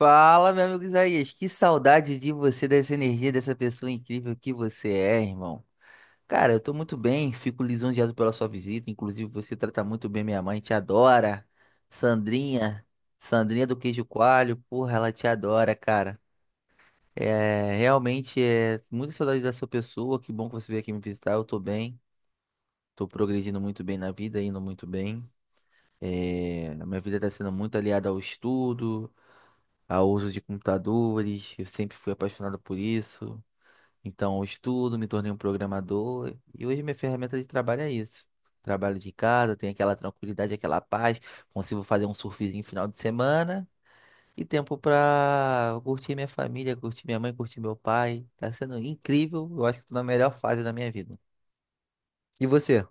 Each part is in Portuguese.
Fala, meu amigo Isaías, que saudade de você, dessa energia, dessa pessoa incrível que você é, irmão. Cara, eu tô muito bem, fico lisonjeado pela sua visita, inclusive você trata muito bem minha mãe, te adora. Sandrinha, Sandrinha do Queijo Coalho, porra, ela te adora, cara. É, realmente é muita saudade da sua pessoa, que bom que você veio aqui me visitar, eu tô bem. Tô progredindo muito bem na vida, indo muito bem. É, a minha vida tá sendo muito aliada ao estudo ao uso de computadores, eu sempre fui apaixonado por isso. Então, eu estudo, me tornei um programador e hoje minha ferramenta de trabalho é isso. Trabalho de casa, tenho aquela tranquilidade, aquela paz, consigo fazer um surfzinho final de semana e tempo para curtir minha família, curtir minha mãe, curtir meu pai. Tá sendo incrível, eu acho que tô na melhor fase da minha vida. E você?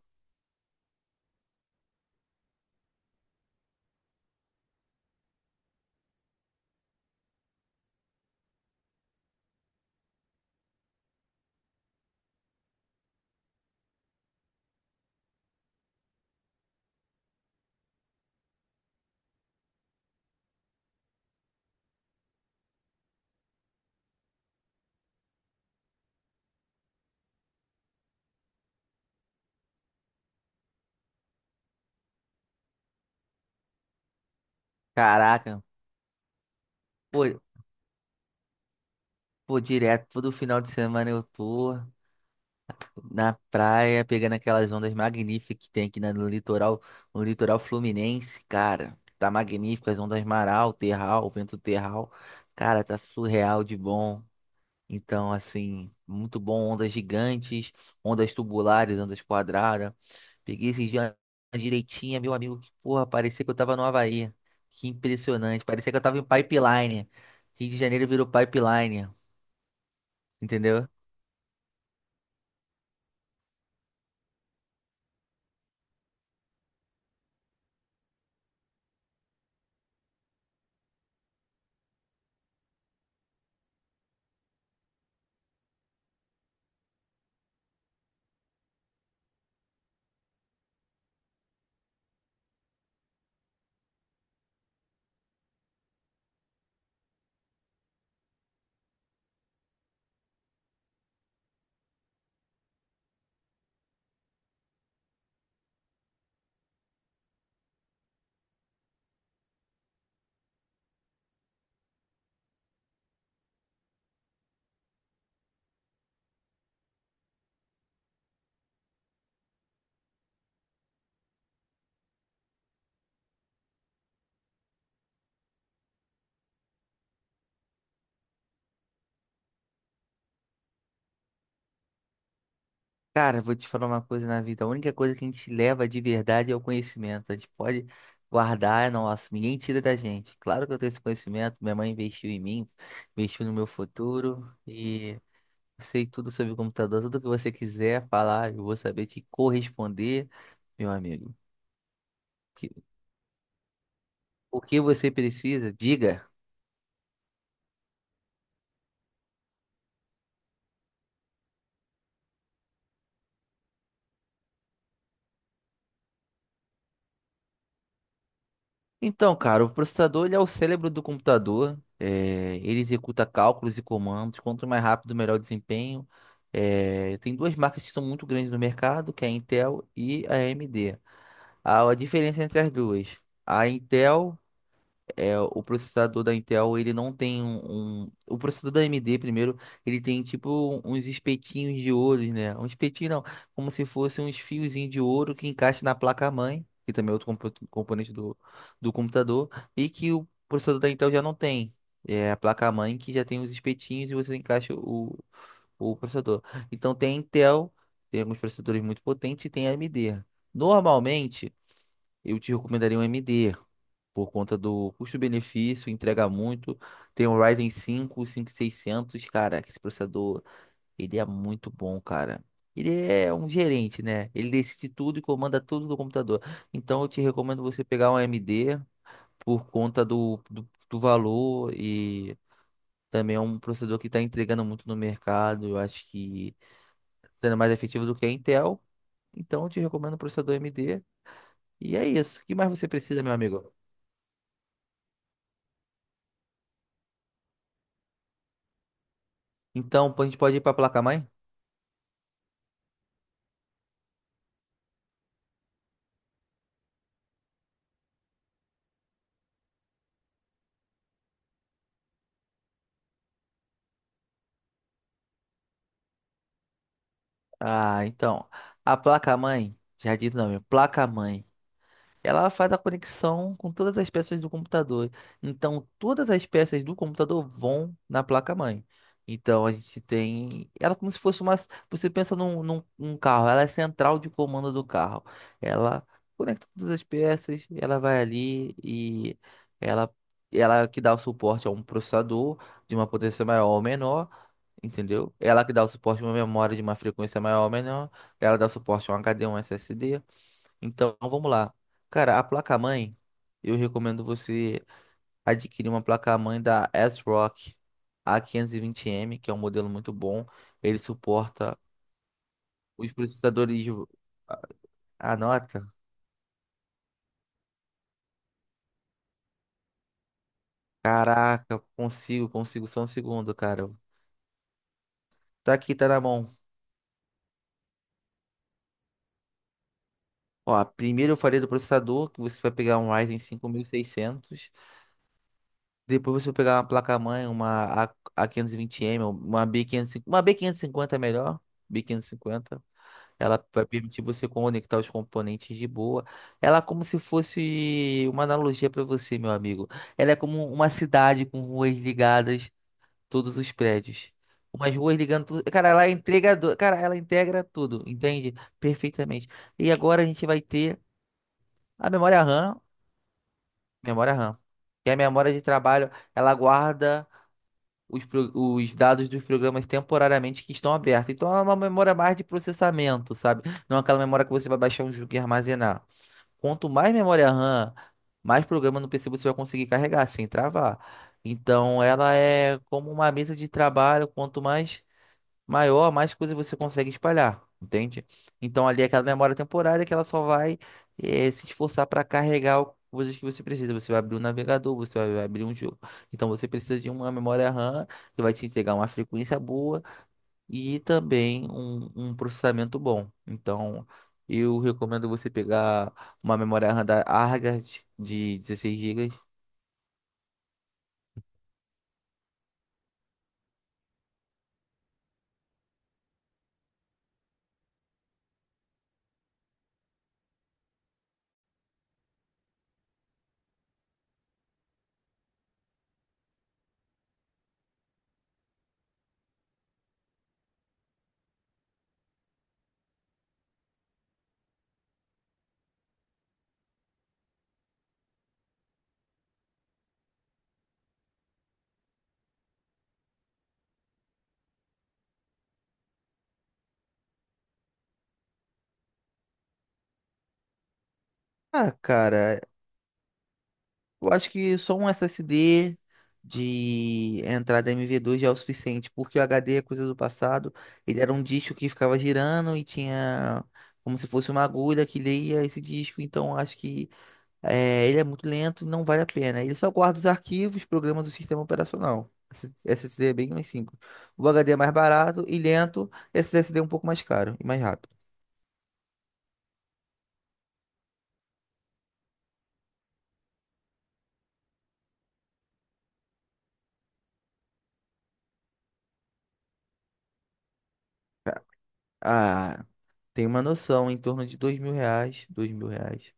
Caraca, pô, pô, direto, todo final de semana eu tô na praia, pegando aquelas ondas magníficas que tem aqui no litoral, no litoral fluminense, cara. Tá magnífico, as ondas maral, terral, vento terral. Cara, tá surreal de bom. Então, assim, muito bom, ondas gigantes, ondas tubulares, ondas quadradas. Peguei esses dias uma direitinha, meu amigo, que porra, parecia que eu tava no Havaí. Que impressionante, parecia que eu tava em pipeline. Rio de Janeiro virou pipeline, entendeu? Cara, vou te falar uma coisa na vida. A única coisa que a gente leva de verdade é o conhecimento. A gente pode guardar, nossa, ninguém tira da gente. Claro que eu tenho esse conhecimento, minha mãe investiu em mim, investiu no meu futuro e eu sei tudo sobre o computador, tudo que você quiser falar, eu vou saber te corresponder, meu amigo. Que- O que você precisa, diga. Então, cara, o processador ele é o cérebro do computador. É, ele executa cálculos e comandos. Quanto mais rápido, melhor o desempenho. É, tem duas marcas que são muito grandes no mercado, que é a Intel e a AMD. A diferença entre as duas, a Intel é, o processador da Intel, ele não tem O processador da AMD, primeiro, ele tem tipo uns espetinhos de ouro, né? Um espetinho não, como se fosse uns fiozinhos de ouro que encaixa na placa-mãe, que também é outro componente do computador, e que o processador da Intel já não tem. É a placa-mãe que já tem os espetinhos e você encaixa o processador. Então tem a Intel, tem alguns processadores muito potentes e tem a AMD. Normalmente eu te recomendaria um MD, por conta do custo-benefício, entrega muito. Tem o Ryzen 5, seiscentos, cara, esse processador, ele é muito bom, cara. Ele é um gerente, né? Ele decide tudo e comanda tudo do computador. Então eu te recomendo você pegar um AMD por conta do valor e também é um processador que está entregando muito no mercado. Eu acho que sendo mais efetivo do que a Intel. Então eu te recomendo o processador AMD. E é isso. O que mais você precisa, meu amigo? Então, a gente pode ir para a placa-mãe? Ah, então. A placa-mãe, já disse o nome, placa-mãe. Ela faz a conexão com todas as peças do computador. Então, todas as peças do computador vão na placa-mãe. Então, a gente tem. Ela é como se fosse uma. Você pensa num carro, ela é a central de comando do carro. Ela conecta todas as peças, ela vai ali e ela, ela é que dá o suporte a um processador de uma potência maior ou menor. Entendeu? Ela que dá o suporte a uma memória de uma frequência maior ou menor. Ela dá o suporte a um HD, um SSD. Então, vamos lá. Cara, a placa-mãe, eu recomendo você adquirir uma placa-mãe da ASRock A520M, que é um modelo muito bom. Ele suporta os processadores. Anota. Caraca, consigo só um segundo, cara. Tá aqui, tá na mão. Ó, primeiro eu falei do processador, que você vai pegar um Ryzen 5600. Depois você pegar uma placa-mãe, uma A520M, uma B550, uma b quinhentos e cinquenta é melhor, b quinhentos e cinquenta. Ela vai permitir você conectar os componentes de boa. Ela é como se fosse uma analogia para você, meu amigo. Ela é como uma cidade com ruas ligadas, todos os prédios. Umas ruas ligando tudo. Cara, ela é entregador. Cara, ela integra tudo, entende? Perfeitamente. E agora a gente vai ter a memória RAM, que é a memória de trabalho. Ela guarda os dados dos programas temporariamente que estão abertos. Então é uma memória mais de processamento, sabe? Não é aquela memória que você vai baixar um jogo e armazenar. Quanto mais memória RAM, mais programa no PC você vai conseguir carregar sem travar. Então ela é como uma mesa de trabalho, quanto mais maior, mais coisas você consegue espalhar, entende? Então ali é aquela memória temporária que ela só vai se esforçar para carregar coisas que você precisa. Você vai abrir um navegador, você vai abrir um jogo. Então você precisa de uma memória RAM que vai te entregar uma frequência boa e também um processamento bom. Então eu recomendo você pegar uma memória RAM da Argand de 16 gigas. Ah, cara, eu acho que só um SSD de entrada MV2 já é o suficiente, porque o HD é coisa do passado. Ele era um disco que ficava girando e tinha como se fosse uma agulha que lia esse disco. Então acho que ele é muito lento e não vale a pena. Ele só guarda os arquivos, programas do sistema operacional. Esse SSD é bem mais simples. O HD é mais barato e lento. Esse SSD é um pouco mais caro e mais rápido. Ah, tem uma noção em torno de R$ 2.000, R$ 2.000.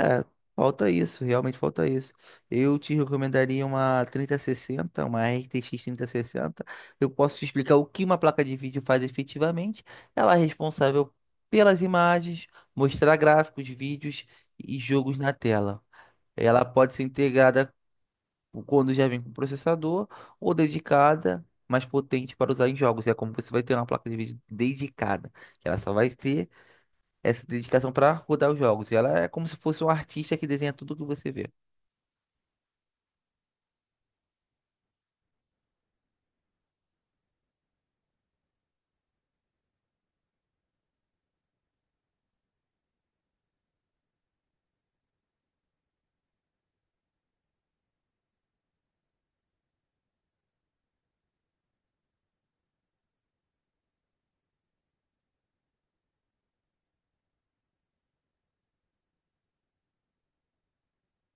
É, falta isso, realmente falta isso. Eu te recomendaria uma 3060, uma RTX 3060. Eu posso te explicar o que uma placa de vídeo faz efetivamente. Ela é responsável pelas imagens, mostrar gráficos, vídeos e jogos na tela. Ela pode ser integrada quando já vem com processador ou dedicada, mais potente para usar em jogos. É como você vai ter uma placa de vídeo dedicada, que ela só vai ter essa dedicação para rodar os jogos. E ela é como se fosse um artista que desenha tudo que você vê.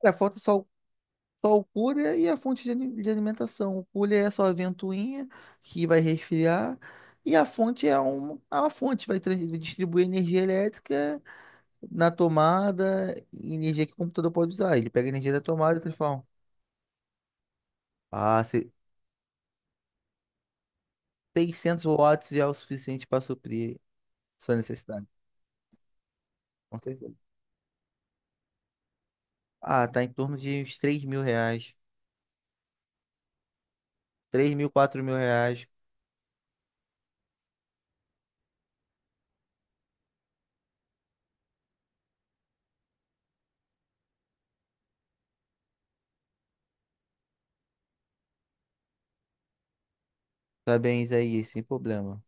Cara, falta só, só o cooler e a fonte de alimentação. O cooler é a sua ventoinha que vai resfriar. E a fonte é uma fonte, vai distribuir energia elétrica na tomada, energia que o computador pode usar. Ele pega a energia da tomada e transforma. Ah, 600 watts já é o suficiente para suprir sua necessidade. Com certeza. Ah, tá em torno de uns R$ 3.000. 3.000, R$ 4.000. Tá bem, Isaías, sem problema.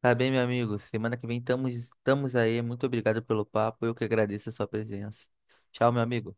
Tá bem, meu amigo. Semana que vem estamos aí. Muito obrigado pelo papo. Eu que agradeço a sua presença. Tchau, meu amigo.